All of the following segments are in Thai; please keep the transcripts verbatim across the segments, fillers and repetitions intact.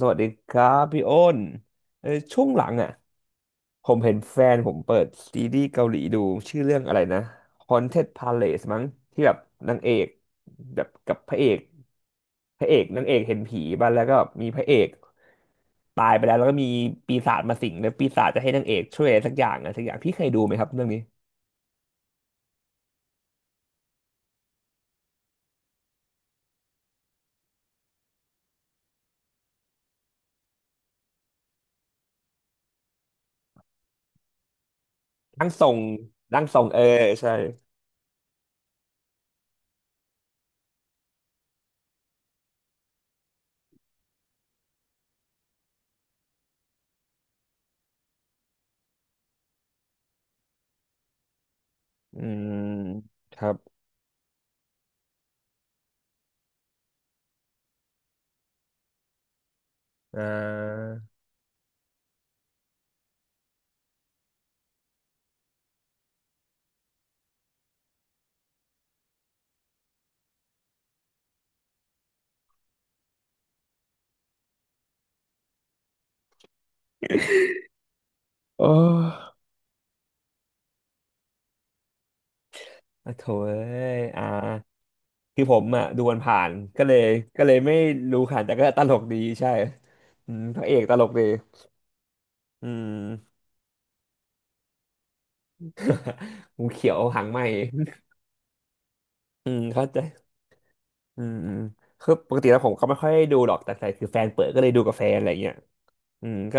สวัสดีครับพี่อ้นเออช่วงหลังอ่ะผมเห็นแฟนผมเปิดซีรีส์เกาหลีดูชื่อเรื่องอะไรนะ Haunted Palace มั้งที่แบบนางเอกแบบกับพระเอกพระเอกนางเอกเห็นผีบ้างแล้วก็มีพระเอกตายไปแล้วแล้วก็มีปีศาจมาสิงแล้วปีศาจจะให้นางเอกช่วยอะไรสักอย่างอะสักอย่างพี่เคยดูไหมครับเรื่องนี้ร่างทรงร่างทรงเออใช่อืมครับอ่าโอ้อะโถเอ้ยอ่า คือผมอ่ะดูมันผ่านๆก็เลยก็เลยไม่รู้ค่ะแต่ก็ตลกดีใช่อืมพระเอกตลกดีอืมงูเขียวหางไหม อืมเข้าใจ อืมอืมคือปกติแล้วผมก็ไม่ค่อยได้ดูหรอกแต่แต่คือแฟนเปิดก็เลยดูกับแฟนอะไรเงี้ยอืมก็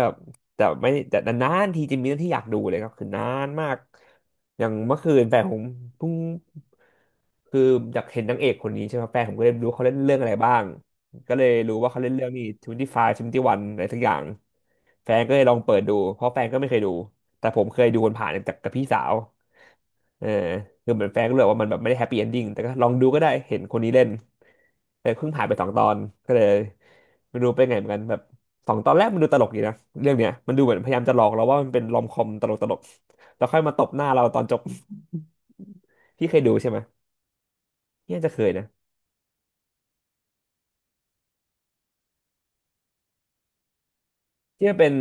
แต่ไม่แต่นานๆทีจะมีเรื่องที่อยากดูเลยครับคือนานมากอย่างเมื่อคืนแฟนผมเพิ่งคืออยากเห็นนางเอกคนนี้ใช่ไหมแฟนผมก็เลยรู้เขาเล่นเรื่องอะไรบ้างก็เลยรู้ว่าเขาเล่นเรื่องนี้ทเวิตี้ไฟทเวนตี้วันอะไรสักอย่างแฟนก็เลยลองเปิดดูเพราะแฟนก็ไม่เคยดูแต่ผมเคยดูคนผ่านๆจากกับพี่สาวเออคือเหมือนแฟนก็เลยบอกว่ามันแบบไม่ได้แฮปปี้เอนดิ้งแต่ก็ลองดูก็ได้เห็นคนนี้เล่น แต่เพิ่งผ่านไปสองตอนก็เลยไม่รู้เป็นไงเหมือนกันแบบสองตอนแรกมันดูตลกดีนะเรื่องเนี้ยมันดูเหมือนพยายามจะหลอกเราว่ามันเป็นรอมคอมตลกตลกแล้วค่อยมาตบหน้าเราตอนจบ พี่เคยดูใช่ไหมเนี่ยจะเคยนะที่มันเป็น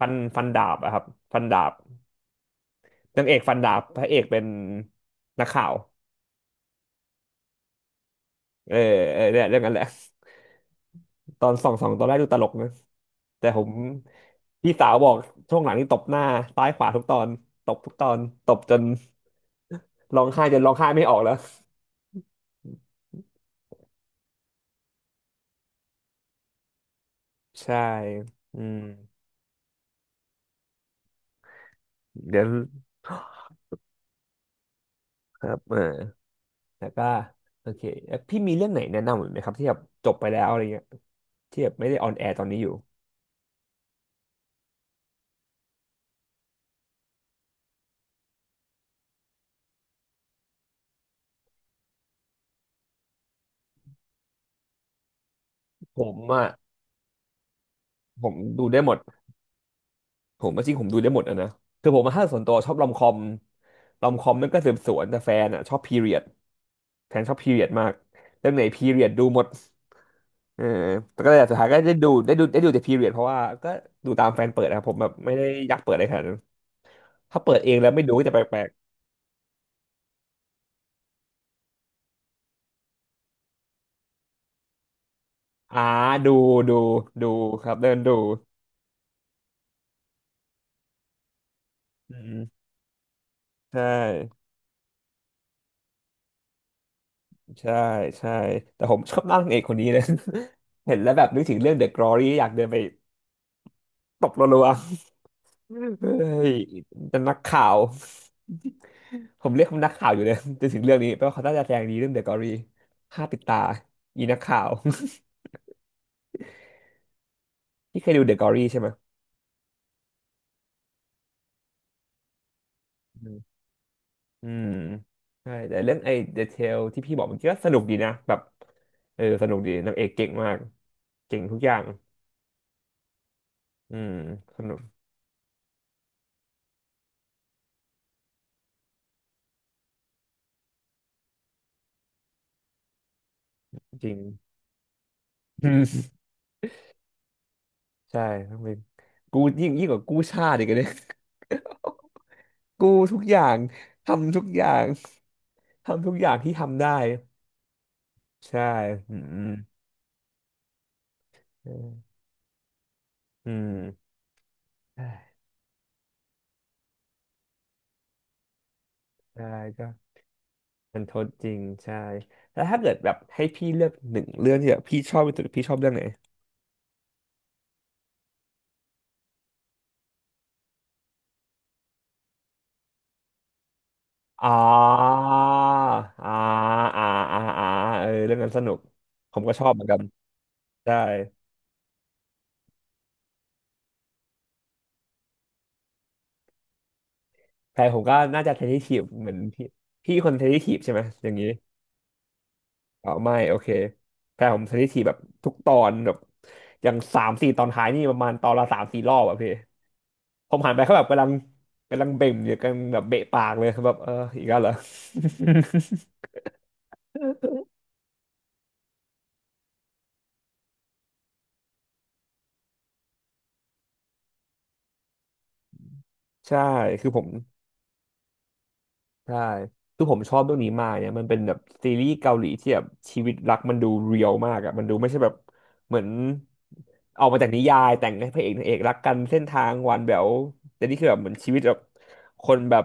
ฟันฟันดาบอะครับฟันดาบนางเอกฟันดาบพระเอกเป็นนักข่าวเออเออเนี่ยเรื่องนั้นแหละตอนสองสองตอนแรกดูตลกนะแต่ผมพี่สาวบอกช่วงหลังนี่ตบหน้าซ้ายขวาทุกตอนตบทุกตอนตบจน ร้องไห้จนร้องไห้ไม่ออกแล้วใช่อืมเดี๋ยวครับเออแล้วก็โอเคแล้วพี่มีเรื่องไหนแนะนำอีกไหมครับที่แบบจบไปแล้วอะไรเงี้ยที่แบบไม่ได้ออนแอร์ตอนนี้อยู่ผมอ่ะผมดูได้หมดผมจริงๆผมดูได้หมดอะนะคือผมมาถ้าส่วนตัวชอบรอมคอมรอมคอมมันก็สืบสวนแต่แฟนอ่ะชอบพีเรียดแฟนชอบพีเรียดมากเรื่องไหนพีเรียดดูหมดเออแต่ก็เลยสุดท้ายก็ได้ดูได้ดูได้ดูแต่พีเรียดเพราะว่าก็ดูตามแฟนเปิดนะครับผมแบบไม่ได้อยากเปิดอะไรขนาดนั้น ถ้าเปิดเองแล้วไม่ดูก็จะแปลกๆอ่าดูดูดูครับเดินดูอืมใช่ใช่ใช่แต่ผมชอบนั่งเอกคนนี้เลย เห็นแล้วแบบนึกถึงเรื่อง The Glory อยากเดินไปตบรัวๆเฮ้ยจะนักข่าว ผมเรียกเขานักข่าวอยู่เลยจนถึงเรื่องนี้เพราะเขาน่าจะแสดงดีเรื่อง The Glory ฆ่าปิดตาอีนักข่าว ที่เคยดู The Glory ใช่ไหม อืมใช่แต่เรื่องไอ้เดเทลที่พี่บอกเมันกก็สนุกดีนะแบบเออสนุกดีนางเอกเก่งมากเก่งทุกอย่างอืมสนุกจริง อืมใช่ต้องเป็นกูยิ่งยิ่งกว่ากู้ชาติอีกอะเนี่ย กู้ทุกอย่างทำทุกอย่างทำทุกอย่างที่ทำได้ใช่อืมอมอืมใช่ใช่ก็มันทดจริงใช่แล้วถ้าเกิดแบบให้พี่เลือกหนึ่งเรื่องที่แบบพี่ชอบที่สุดพี่ชอบเรื่องไหน อ๋ออ่าอ่าอ่าอ่าเออเรื่องนั้นสนุกผมก็ชอบเหมือนกัน ใช่แพรผมก็น่าจะเทนนิสทีฟเหมือนพี่พี่คนเทนนิสทีฟใช่ไหมอย่างนี้อ๋อไม่ โอเคแพรผมเทนนิสทีฟแบบทุกตอนแบบอย่างสามสี่ตอนท้ายนี่ประมาณตอนละสามสี่รอบอะพี่ผมหันไปเขาแบบกำลังกำลังเบ่งอยู่กำลันแบบเบะปากเลยแบบเอออีกแล้วเหรอ ใช่คือผม ใช่คือผมชอบเรื่องนี้มากเนี่ยมันเป็นแบบซีรีส์เกาหลีที่แบบชีวิตรักมันดูเรียลมากอะมันดูไม่ใช่แบบเหมือนออกมาจากนิยายแต่งให้พระเอกนางเอกรักกันเส้นทางหวานแหววแต่นี่คือแบบเหมือนชีวิตแบบคนแบบ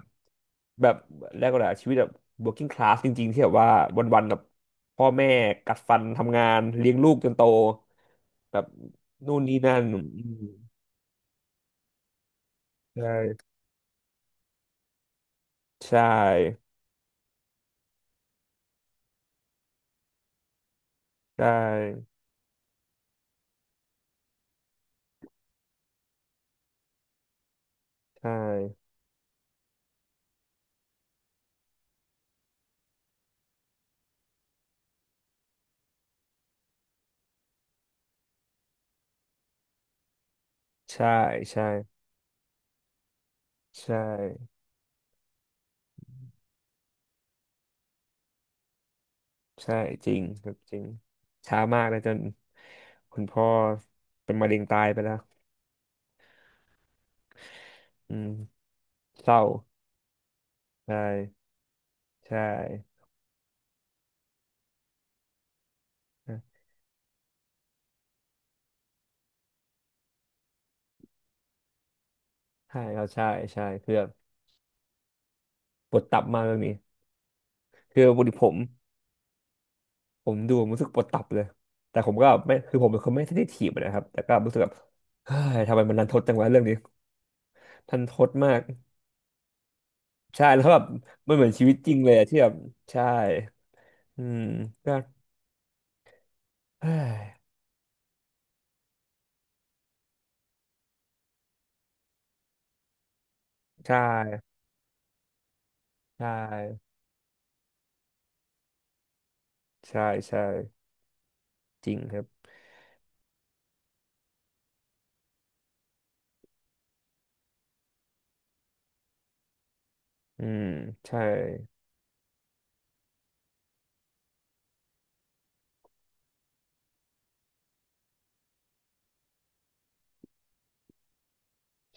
แบบแรยกว่าอะไรอะชีวิตแบบ working class จริงๆที่แบบว่าวันๆแบบพ่อแม่กัดฟันทำงานเลี้ยงลูกจนโตแบบนู่นนี่นั่นอืมใช่ใช่ใช่ใช่ใช่ใช่ใช่ ใช่จริงครับจริงช้ามากเลยจนคุณพ่อเป็นมะเร็งตายไปแล้วอืมเศร้าใช่ใช่ใช่ครับใช่ใช่คือแบบปวดตับมากเรื่องนี้คือปกติผมผมดูผมรู้สึกปวดตับเลยแต่ผมก็ไม่คือผมเป็นคนไม่เซนซีฟนะครับแต่ก็รู้สึกแบบเฮ้ยทำไมมันรันทดจังวะเรื่องนี้ทันทดมากใช่แล้วแบบมันเหมือนชีวิตจริงเลยอะที่แบบใช่อืมก็เฮ้ยใช่ใช่ใช่ใช่จริงครับ อืมใช่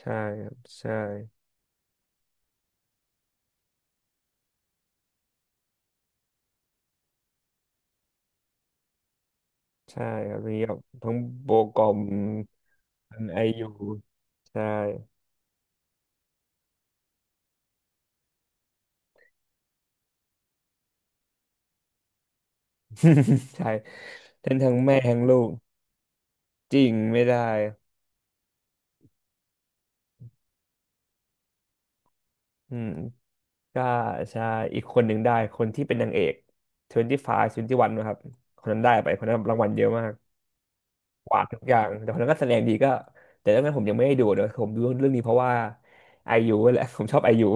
ใช่ครับใช่ใช่ครับมีแบบทั้งโบกอมทั้งไอยูใช่ ใช่ทั้งทั้งแม่ทั้งลูกจริงไม่ได้อืมก็ใช่อีกคนหนึ่งได้คนที่เป็นนางเอกยี่สิบห้า ยี่สิบเอ็ดนะครับคนนั้นได้ไปคนนั้นรางวัลเยอะมากกวาดทุกอย่างแต่คนนั้นก็แสดงดีก็แต่เรื่องนั้นผมยังไม่ได้ดูเดี๋ยวผมดูเรื่องนี้เพราะว่าไอยูแหละผมชอบไอยู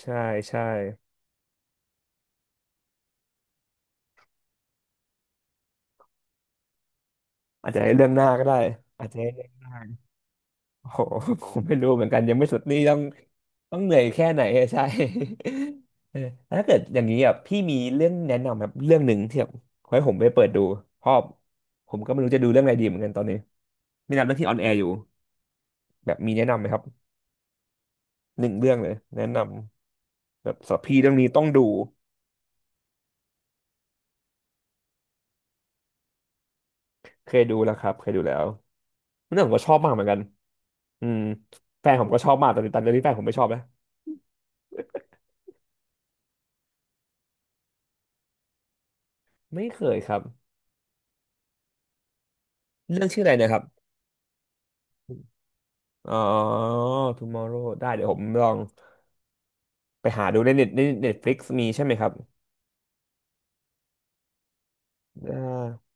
ใช่ใช่อาจจะให้เรื่องหน้าก็ได้อาจจะให้เรื่องหน้า โอ้โห ผมไม่รู้เหมือนกันยังไม่สุดนี่ต้องต้องเหนื่อยแค่ไหนอะ ใช่ เออแล้วถ้าเกิดอย่างนี้อ่ะพี่มีเรื่องแนะนำครับเรื่องหนึ่งที่แบบขอให้ผมไปเปิดดูเพราะผมก็ไม่รู้จะดูเรื่องอะไรดีเหมือนกันตอนนี้มีหนังเรื่องที่ออนแอร์อยู่แบบมีแนะนำไหมครับหนึ่งเรื่องเลยแนะนำแบบสำหรับพี่เรื่องนี้ต้องดูเคยดูแล้วครับเคยดูแล้วเรื่องผมก็ชอบมากเหมือนกันอืมแฟนผมก็ชอบมากตอนนี้ตอนนี้แฟนผมไม่ชอบนะไม่เคยครับเรื่องชื่ออะไรนะครับอ๋อ ทูมอร์โรว์ ได้เดี๋ยวผมลอง ไปหาดูในเน็ตในเน็ตฟลิกซ์มีใช่ไหมครับอ่า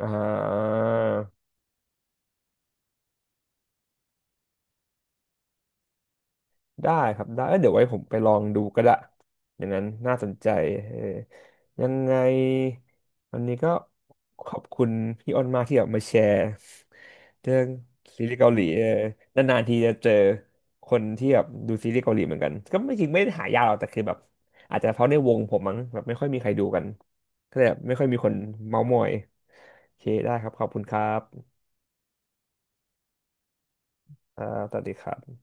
อ่าได้ครับได้เอ้ยเดี๋ยวไว้ผมไปลองดูก็ได้อย่างนั้นน่าสนใจเออยังไงวันนี้ก็ขอบคุณพี่อ้นมากที่แบบมาแชร์เรื่องซีรีส์เกาหลีเออนานๆทีจะเจอคนที่แบบดูซีรีส์เกาหลีเหมือนกันก็ไม่จริงไม่ได้หายากหรอกแต่คือแบบอาจจะเพราะในวงผมมั้งแบบไม่ค่อยมีใครดูกันก็เลยแบบไม่ค่อยมีคนเม้าท์มอยโอเคได้ครับขอบคุณครับ อ่าสวัสดีครับ